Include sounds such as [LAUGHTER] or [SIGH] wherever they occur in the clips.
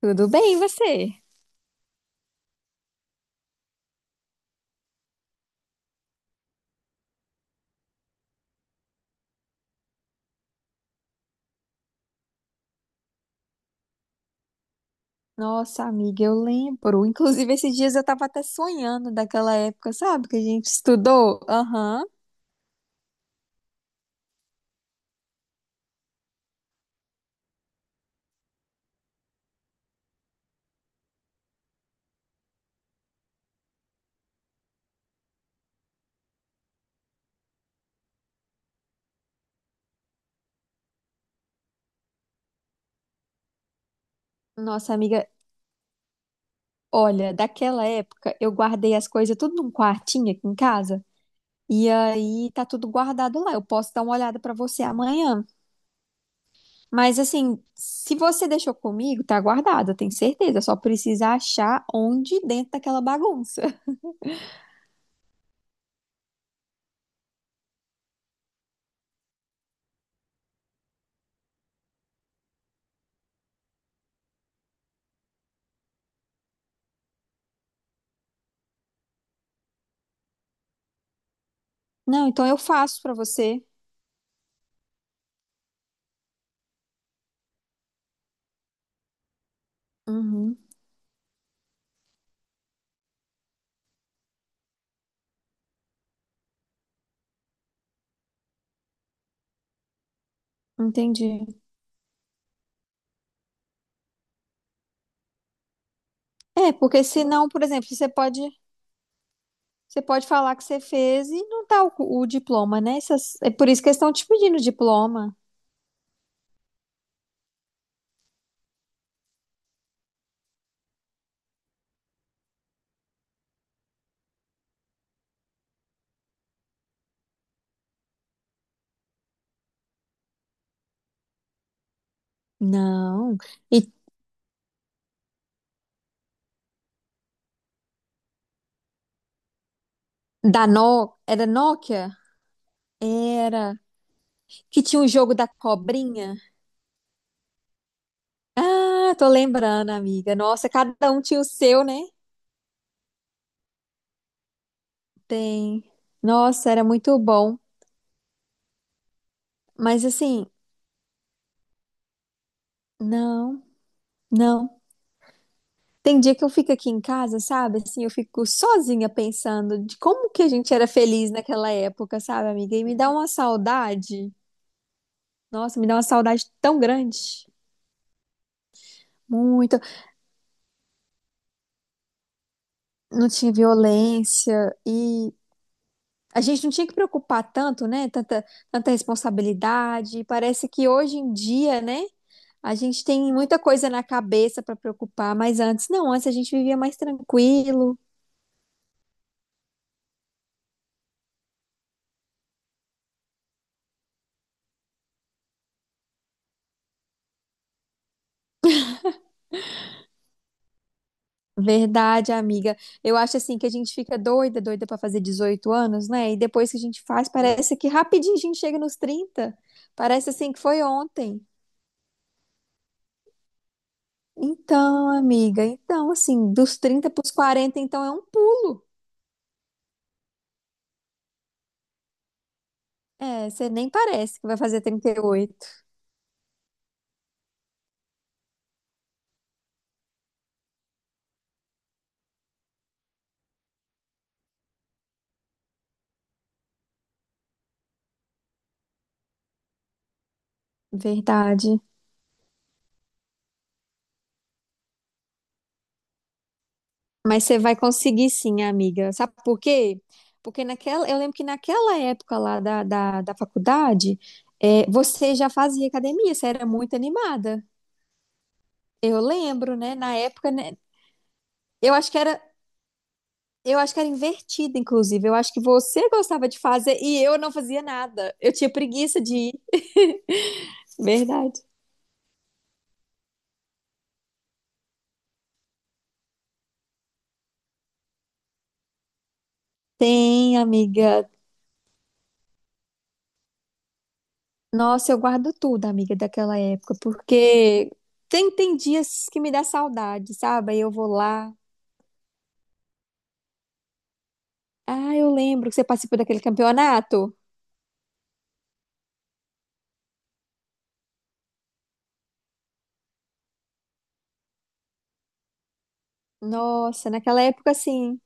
Tudo bem, e você? Nossa, amiga, eu lembro. Inclusive, esses dias eu tava até sonhando daquela época, sabe? Que a gente estudou. Aham. Nossa, amiga, olha, daquela época eu guardei as coisas tudo num quartinho aqui em casa. E aí tá tudo guardado lá. Eu posso dar uma olhada pra você amanhã. Mas assim, se você deixou comigo, tá guardado, eu tenho certeza. Só precisa achar onde dentro daquela bagunça. Não, então eu faço pra você. Uhum, entendi. É, porque senão, por exemplo, você pode falar que você fez e não tá o diploma, né? Essas- é por isso que eles estão te pedindo diploma. Não. E da No, era Nokia? Era. Que tinha o jogo da cobrinha? Ah, tô lembrando, amiga. Nossa, cada um tinha o seu, né? Tem. Nossa, era muito bom. Mas assim, não, não. Tem dia que eu fico aqui em casa, sabe? Assim, eu fico sozinha pensando de como que a gente era feliz naquela época, sabe, amiga? E me dá uma saudade. Nossa, me dá uma saudade tão grande. Muito. Não tinha violência e a gente não tinha que preocupar tanto, né? Tanta responsabilidade. E parece que hoje em dia, né? A gente tem muita coisa na cabeça para preocupar, mas antes não, antes a gente vivia mais tranquilo. Verdade, amiga. Eu acho assim que a gente fica doida pra fazer 18 anos, né? E depois que a gente faz, parece que rapidinho a gente chega nos 30. Parece assim que foi ontem. Então, amiga, então assim, dos 30 pros 40, então é um pulo. É, você nem parece que vai fazer 38. Verdade. Mas você vai conseguir sim, amiga. Sabe por quê? Porque naquela, eu lembro que naquela época lá da faculdade, você já fazia academia, você era muito animada. Eu lembro, né? Na época, né? Eu acho que era, eu acho que era invertido, inclusive. Eu acho que você gostava de fazer e eu não fazia nada. Eu tinha preguiça de ir. Verdade. Tem, amiga. Nossa, eu guardo tudo, amiga, daquela época, porque tem, tem dias que me dá saudade, sabe? Aí eu vou lá. Ah, eu lembro que você participou daquele campeonato. Nossa, naquela época, assim.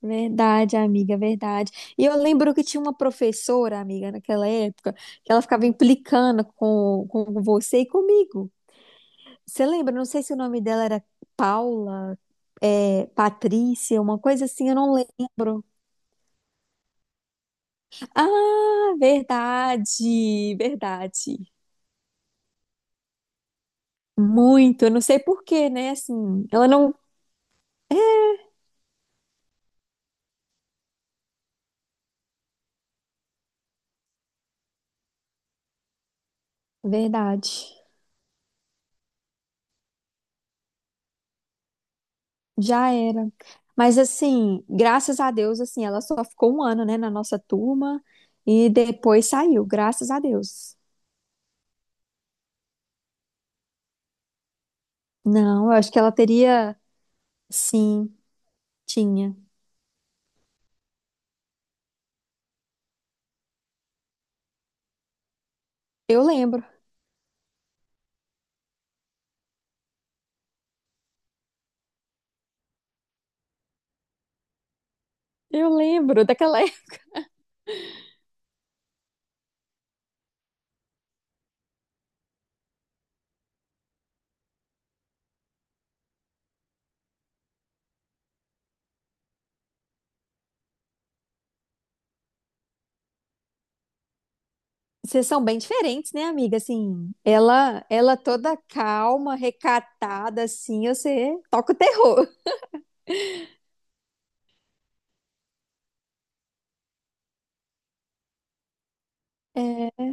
Verdade, amiga, verdade. E eu lembro que tinha uma professora, amiga, naquela época, que ela ficava implicando com você e comigo. Você lembra? Não sei se o nome dela era Paula, Patrícia, uma coisa assim, eu não lembro. Ah, verdade, verdade. Muito, eu não sei por quê, né? Assim, ela não. Verdade. Já era. Mas assim, graças a Deus, assim, ela só ficou um ano, né, na nossa turma e depois saiu, graças a Deus. Não, eu acho que ela teria, sim, tinha. Eu lembro. Eu lembro daquela [LAUGHS] época. Vocês são bem diferentes, né, amiga? Assim, ela toda calma, recatada, assim, você toca o terror. É,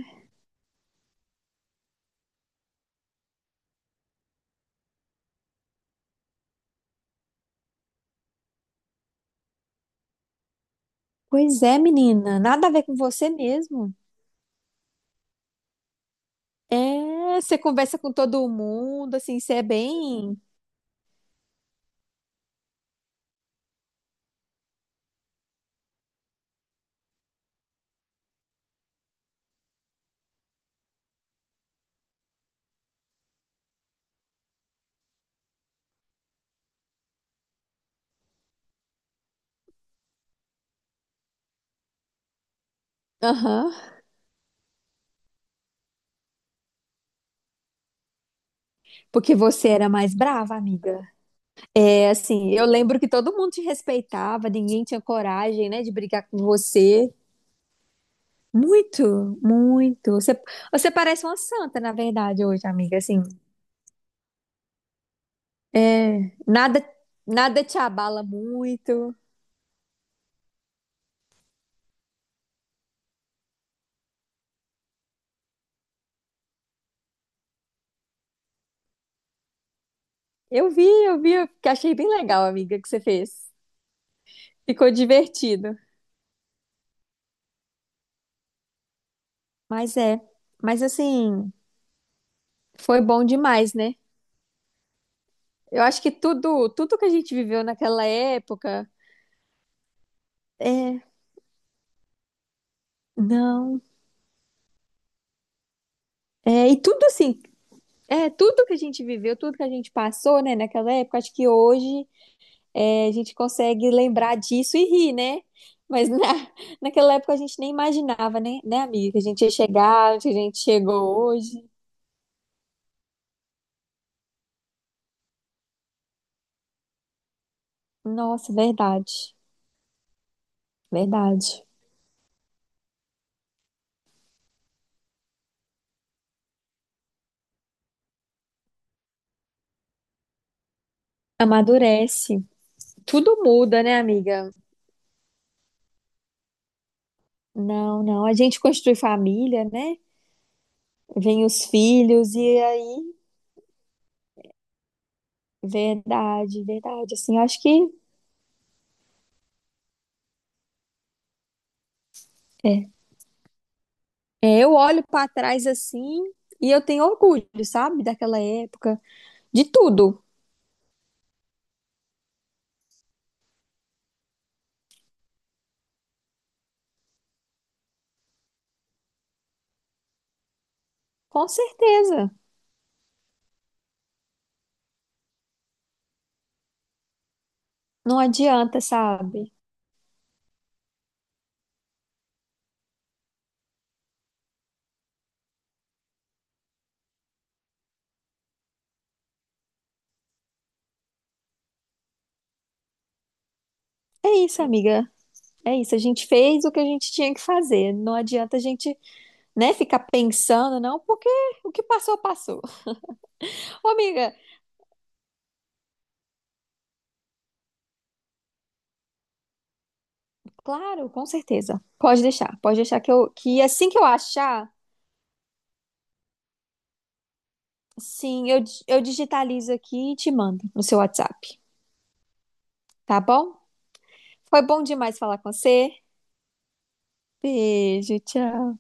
pois é, menina, nada a ver com você mesmo. É, você conversa com todo mundo, assim, você é bem. Aham. Porque você era mais brava, amiga. É, assim, eu lembro que todo mundo te respeitava, ninguém tinha coragem, né, de brigar com você. Muito, muito. Você, você parece uma santa, na verdade, hoje, amiga. Assim, nada, nada te abala muito. Eu vi, eu vi, eu que achei bem legal, amiga, que você fez. Ficou divertido. Mas é, mas assim, foi bom demais, né? Eu acho que tudo, tudo que a gente viveu naquela época, é, não. É, e tudo assim, tudo que a gente viveu, tudo que a gente passou, né, naquela época, acho que hoje a gente consegue lembrar disso e rir, né? Mas na [LAUGHS] naquela época a gente nem imaginava, né, amiga? Que a gente ia chegar, onde a gente chegou hoje. Nossa, verdade, verdade. Amadurece. Tudo muda, né, amiga? Não, não. A gente constitui família, né? Vem os filhos, e aí. Verdade, verdade. Assim, eu acho que. é, É, eu olho pra trás assim e eu tenho orgulho, sabe, daquela época, de tudo, com certeza. Não adianta, sabe? É isso, amiga. É isso. A gente fez o que a gente tinha que fazer. Não adianta a gente, né, ficar pensando, não, porque o que passou, passou. Ô, amiga, claro, com certeza. Pode deixar que eu, que assim que eu achar, sim, eu digitalizo aqui e te mando no seu WhatsApp, tá bom? Foi bom demais falar com você. Beijo, tchau.